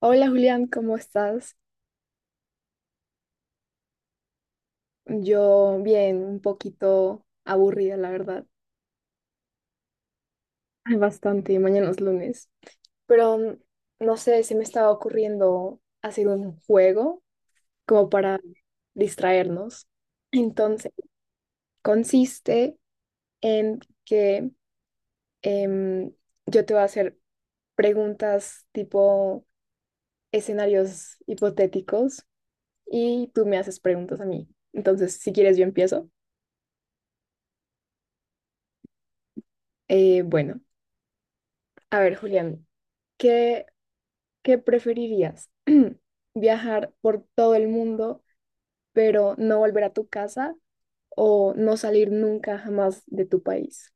Hola, Julián, ¿cómo estás? Yo bien, un poquito aburrida, la verdad. Ay, bastante, mañana es lunes. Pero no sé, se me estaba ocurriendo hacer un juego como para distraernos. Entonces, consiste en que em, yo te voy a hacer preguntas tipo escenarios hipotéticos y tú me haces preguntas a mí. Entonces, si quieres, yo empiezo. Bueno. A ver, Julián, ¿qué, ¿qué preferirías? ¿Viajar por todo el mundo, pero no volver a tu casa o no salir nunca jamás de tu país?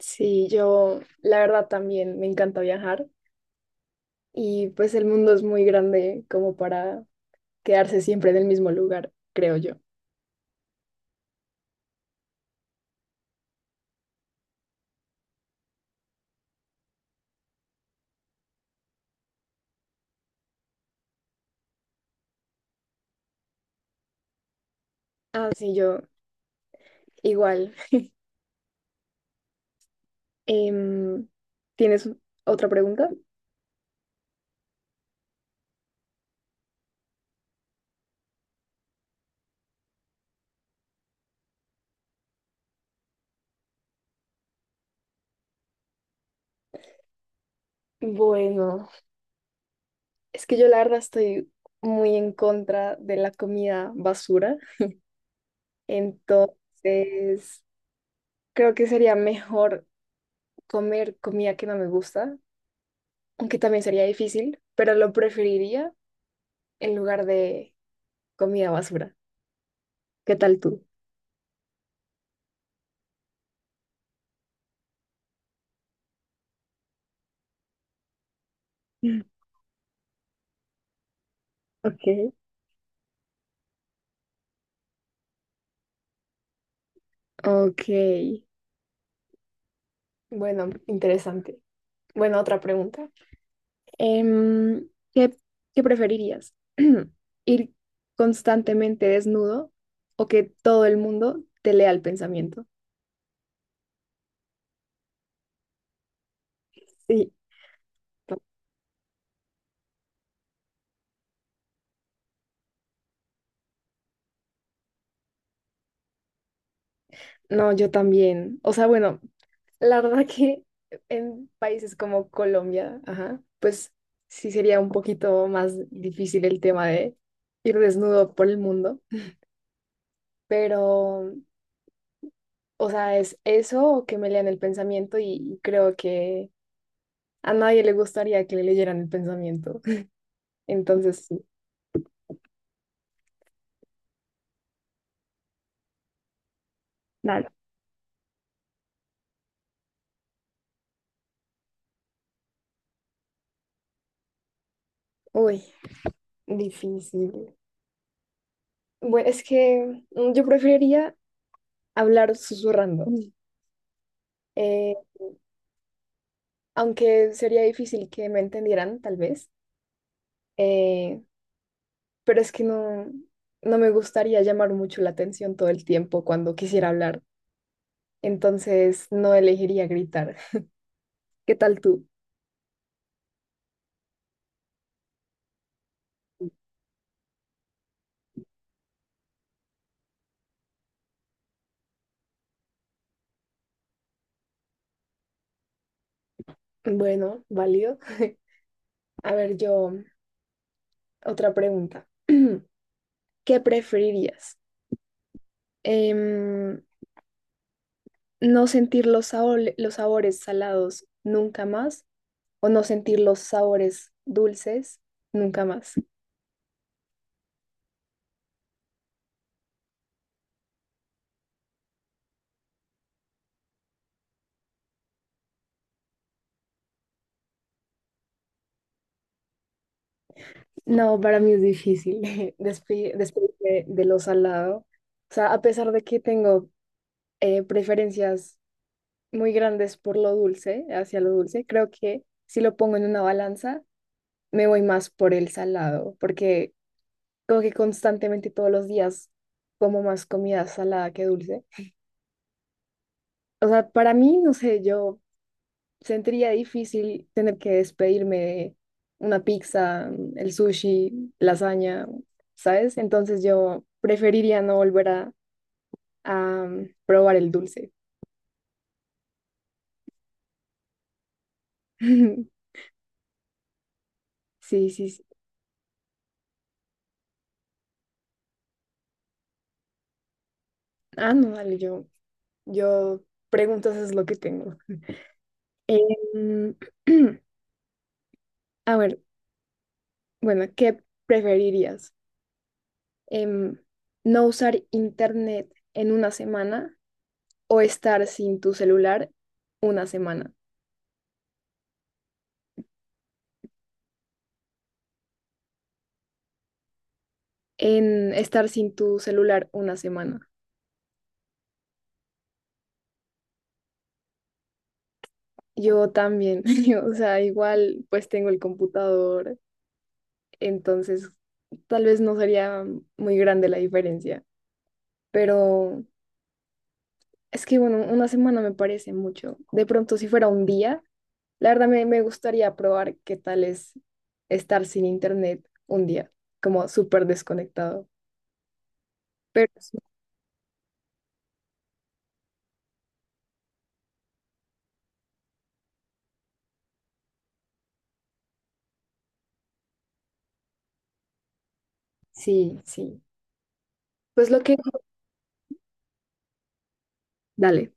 Sí, yo la verdad también me encanta viajar y pues el mundo es muy grande como para quedarse siempre en el mismo lugar, creo yo. Ah, sí, yo igual. Em, ¿Tienes otra pregunta? Bueno. Es que yo la verdad estoy muy en contra de la comida basura, entonces creo que sería mejor comer comida que no me gusta, aunque también sería difícil, pero lo preferiría en lugar de comida basura. ¿Qué tal tú? Mm. Ok. Ok, bueno, interesante. Bueno, otra pregunta. Em, ¿qué, ¿qué preferirías? ¿Ir constantemente desnudo o que todo el mundo te lea el pensamiento? Sí, no, yo también. O sea, bueno, la verdad que en países como Colombia, ajá, pues sí sería un poquito más difícil el tema de ir desnudo por el mundo, pero, o sea, es eso o que me lean el pensamiento y creo que a nadie le gustaría que le leyeran el pensamiento. Entonces, dale. Uy, difícil. Bueno, es que yo preferiría hablar susurrando. Mm. eh, aunque sería difícil que me entendieran, tal vez, eh, pero es que no me gustaría llamar mucho la atención todo el tiempo cuando quisiera hablar, entonces no elegiría gritar. ¿Qué tal tú? Bueno, válido. A ver, yo, otra pregunta. ¿Qué preferirías? Em, no sentir los los sabores salados nunca más o no sentir los sabores dulces nunca más. No, para mí es difícil despedirme de lo salado. O sea, a pesar de que tengo preferencias muy grandes por lo dulce, hacia lo dulce, creo que si lo pongo en una balanza, me voy más por el salado, porque como que constantemente todos los días como más comida salada que dulce. O sea, para mí, no sé, yo sentiría difícil tener que despedirme de una pizza, mm, el sushi, lasaña, ¿sabes? Entonces yo preferiría no volver a probar el dulce. Sí, sí, sí. Ah, no, dale, yo preguntas es lo que tengo. Em, a ver, bueno, ¿qué preferirías? Em, ¿No usar internet en una semana o estar sin tu celular una semana? En estar sin tu celular una semana. Yo también, yo, o sea, igual pues tengo el computador, entonces tal vez no sería muy grande la diferencia, pero es que bueno, una semana me parece mucho. De pronto si fuera un día, la verdad me gustaría probar qué tal es estar sin internet un día, como súper desconectado. Pero sí, sí, sí. Pues lo que... Dale,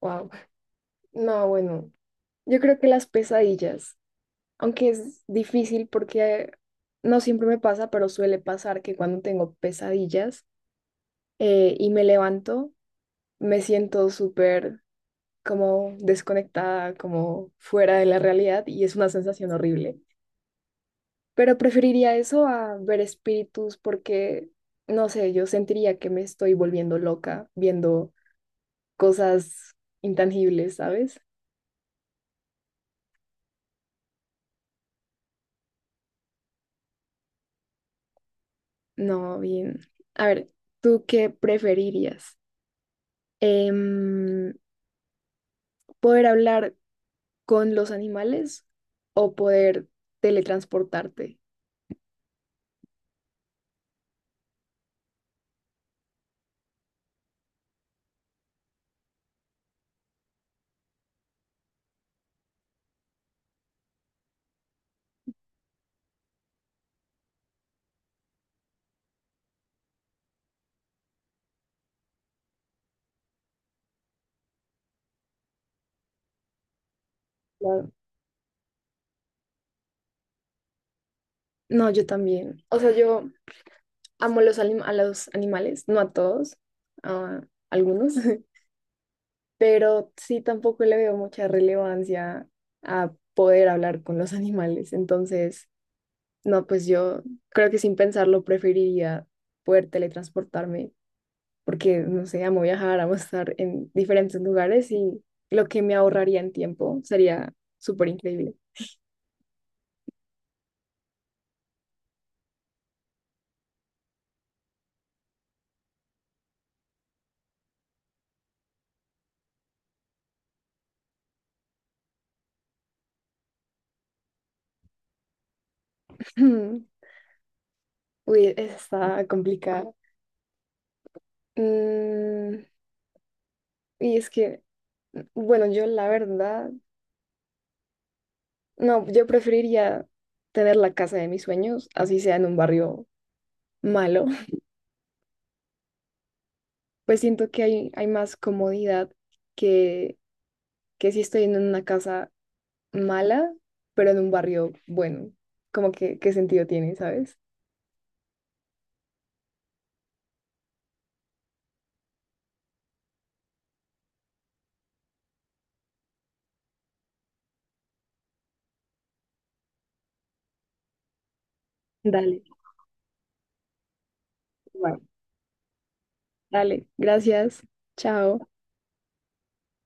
wow. No, bueno, yo creo que las pesadillas. Aunque es difícil porque no siempre me pasa, pero suele pasar que cuando tengo pesadillas y me levanto, me siento súper como desconectada, como fuera de la realidad y es una sensación horrible. Pero preferiría eso a ver espíritus porque, no sé, yo sentiría que me estoy volviendo loca viendo cosas intangibles, ¿sabes? No, bien. A ver, ¿tú qué preferirías? Em, ¿poder hablar con los animales o poder teletransportarte? Claro. No, yo también. O sea, yo amo los a los animales, no a todos, a algunos, pero sí tampoco le veo mucha relevancia a poder hablar con los animales. Entonces, no, pues yo creo que sin pensarlo preferiría poder teletransportarme porque, no sé, amo viajar, amo estar en diferentes lugares y lo que me ahorraría en tiempo sería súper increíble. Uy, está complicada. Mm, y es que, bueno, yo la verdad, no, yo preferiría tener la casa de mis sueños, así sea en un barrio malo. Pues siento que hay más comodidad que, que si estoy en una casa mala, pero de un barrio bueno. Como que, ¿qué sentido tiene, sabes? Dale, va. Dale, gracias. Chao.